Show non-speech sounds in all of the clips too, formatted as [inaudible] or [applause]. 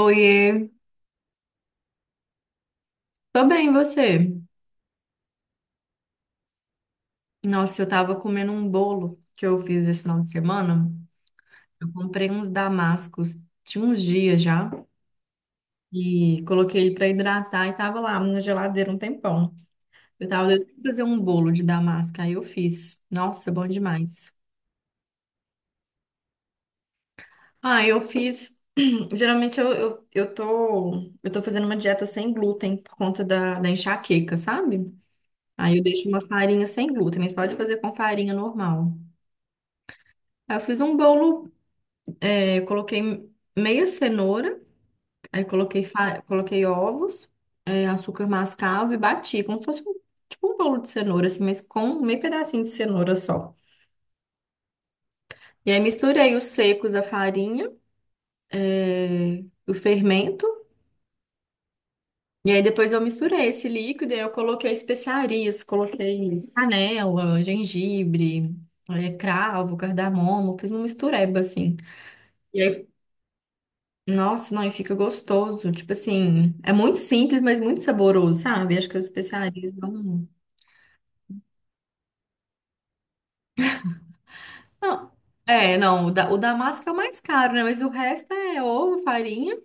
Oiê, tô bem, e você? Nossa, eu tava comendo um bolo que eu fiz esse final de semana. Eu comprei uns damascos, tinha uns dias já, e coloquei ele pra hidratar e tava lá na geladeira um tempão. Eu tava doida pra fazer um bolo de damasco, aí eu fiz. Nossa, bom demais. Ah, eu fiz. [clears throat] Geralmente eu tô fazendo uma dieta sem glúten por conta da enxaqueca, sabe? Aí eu deixo uma farinha sem glúten, mas pode fazer com farinha normal. Aí eu fiz um bolo. Eu coloquei meia cenoura, aí coloquei ovos, é, açúcar mascavo e bati, como se fosse um, tipo um bolo de cenoura, assim, mas com meio pedacinho de cenoura só. E aí misturei os secos, a farinha, é, o fermento, e aí depois eu misturei esse líquido e aí eu coloquei especiarias, coloquei canela, gengibre, é, cravo, cardamomo, fiz uma mistureba, assim. E aí nossa, não, e fica gostoso. Tipo assim, é muito simples, mas muito saboroso, sabe? Acho que as especiarias. Não, não. É, não, o da massa que é o mais caro, né? Mas o resto é ovo, farinha.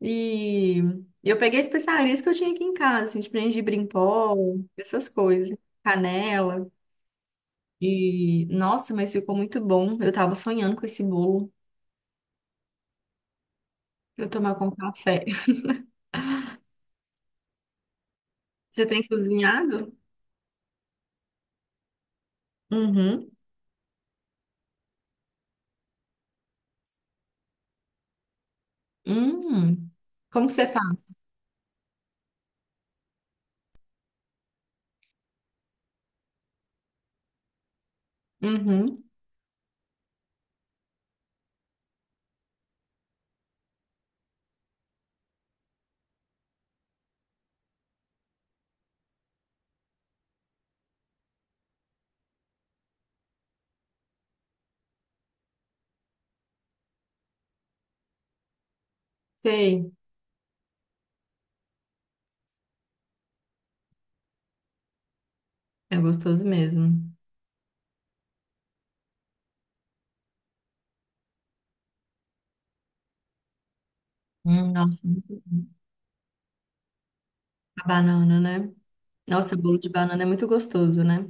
E eu peguei especiarias que eu tinha aqui em casa, assim, tipo gengibre em pó, essas coisas, canela. E, nossa, mas ficou muito bom. Eu tava sonhando com esse bolo pra eu tomar com café. [laughs] Você tem cozinhado? Uhum. Hum. Como que você faz? Uhum. Sei. É gostoso mesmo. Nossa, a banana, né? Nossa, bolo de banana é muito gostoso, né?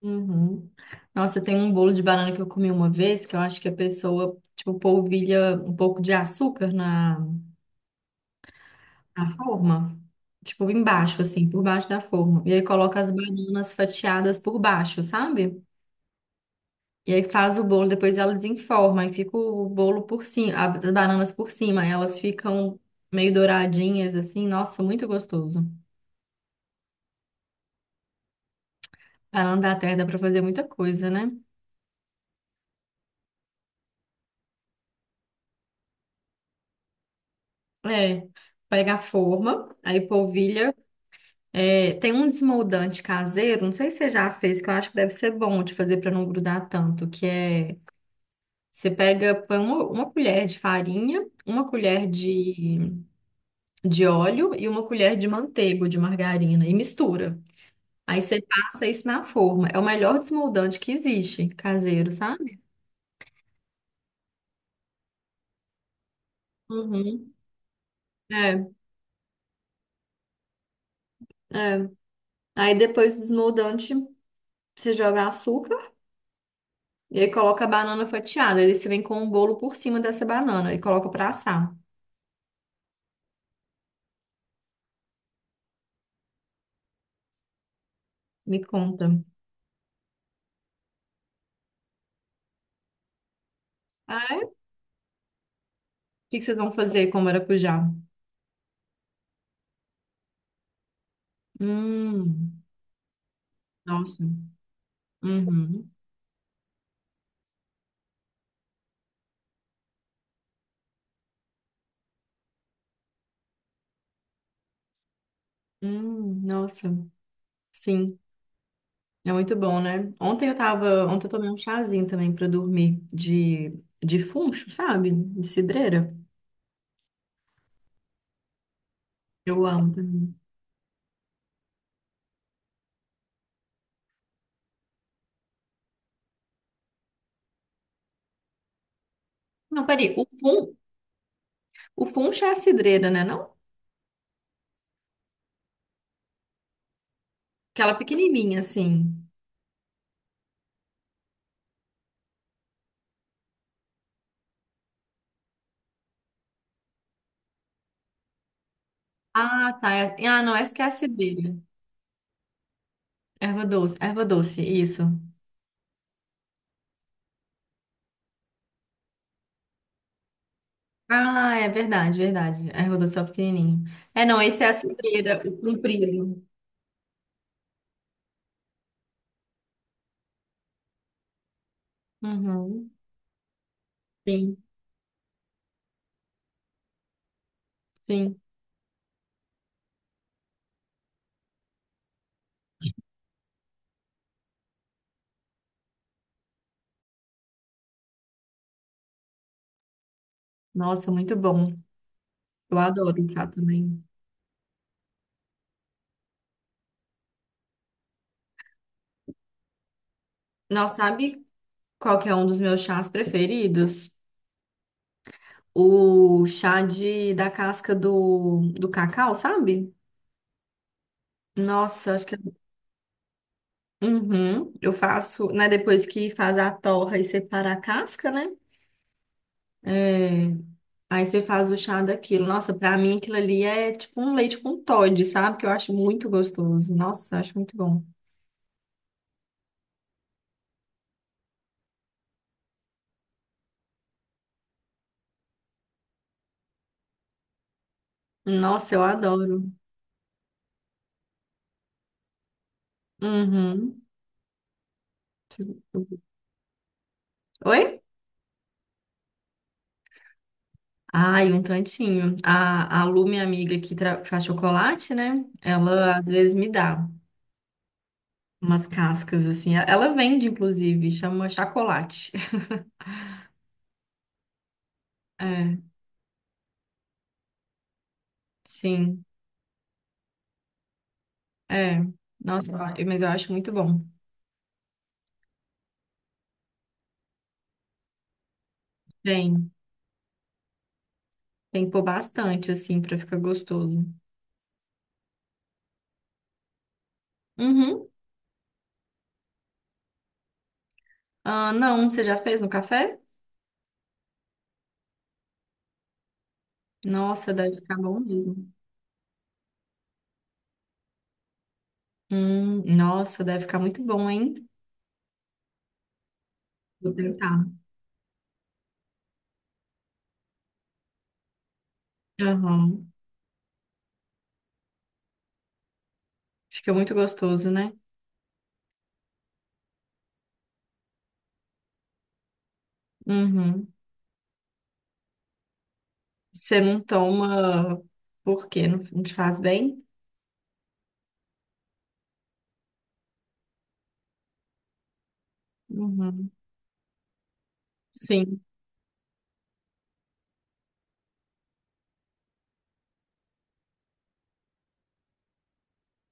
Uhum. Nossa, tem um bolo de banana que eu comi uma vez que eu acho que a pessoa, tipo, polvilha um pouco de açúcar na forma. Tipo, embaixo, assim, por baixo da forma. E aí coloca as bananas fatiadas por baixo, sabe? E aí faz o bolo, depois ela desenforma e fica o bolo por cima, as bananas por cima. Aí elas ficam meio douradinhas, assim. Nossa, muito gostoso. Pra não dar terra, dá pra fazer muita coisa, né? É, pega a forma, aí polvilha. É, tem um desmoldante caseiro, não sei se você já fez, que eu acho que deve ser bom de fazer pra não grudar tanto, que é, você pega, põe uma colher de farinha, uma colher de óleo e uma colher de manteiga, ou de margarina, e mistura. Aí você passa isso na forma. É o melhor desmoldante que existe, caseiro, sabe? Uhum. É, é. Aí depois do desmoldante, você joga açúcar. E aí coloca a banana fatiada. Aí você vem com o bolo por cima dessa banana e coloca pra assar. Me conta. Ah, é? O que que vocês vão fazer com maracujá? Hum, nossa. Uhum. Nossa. Sim, é muito bom, né? Ontem eu tomei um chazinho também pra dormir de funcho, sabe? De cidreira. Eu amo também. Não, peraí, o funcho é a cidreira, né, não? Aquela pequenininha assim. Ah, tá. É- ah, não, essa que é a cidreira. Erva doce, isso. Ah, é verdade, verdade. Erva doce é o pequenininho. É, não, esse é a cidreira, o comprido. Uhum, sim, sim. Nossa, muito bom. Eu adoro chá também. Não sabe qual que é um dos meus chás preferidos? O chá da casca do cacau, sabe? Nossa, acho que... é. Uhum, eu faço, né, depois que faz a torra e separa a casca, né? É, aí você faz o chá daquilo. Nossa, pra mim aquilo ali é tipo um leite com Toddy, sabe? Que eu acho muito gostoso. Nossa, eu acho muito bom. Nossa, eu adoro. Uhum. Oi? Ai, um tantinho. A Lu, minha amiga faz chocolate, né? Ela às vezes me dá umas cascas assim. Ela vende, inclusive, chama chocolate. [laughs] É, sim. É. Nossa, eu- mas eu acho muito bom. Tem. Tem que pôr bastante, assim, pra ficar gostoso. Uhum. Ah, não, você já fez no café? Nossa, deve ficar bom mesmo. Nossa, deve ficar muito bom, hein? Vou tentar. Aham. Fica muito gostoso, né? Uhum. Você não toma porque não te faz bem? Uhum. Sim.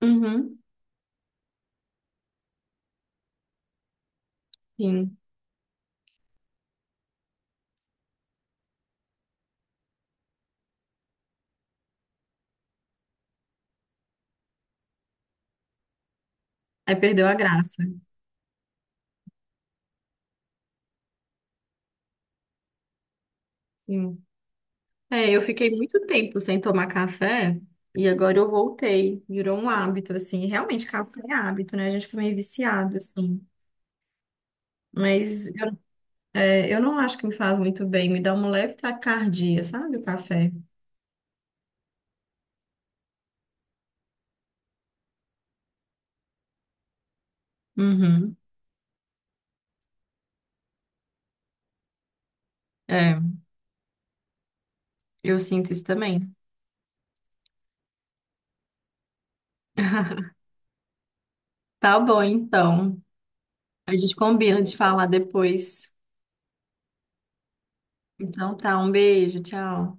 Uhum. Sim. Aí perdeu a graça. Sim. É, eu fiquei muito tempo sem tomar café e agora eu voltei. Virou um hábito, assim. Realmente, café é hábito, né? A gente fica meio viciado, assim. Mas é, eu não acho que me faz muito bem, me dá uma leve taquicardia, sabe, o café? Uhum. É, eu sinto isso também. [laughs] Tá bom, então. A gente combina de falar depois. Então tá, um beijo, tchau.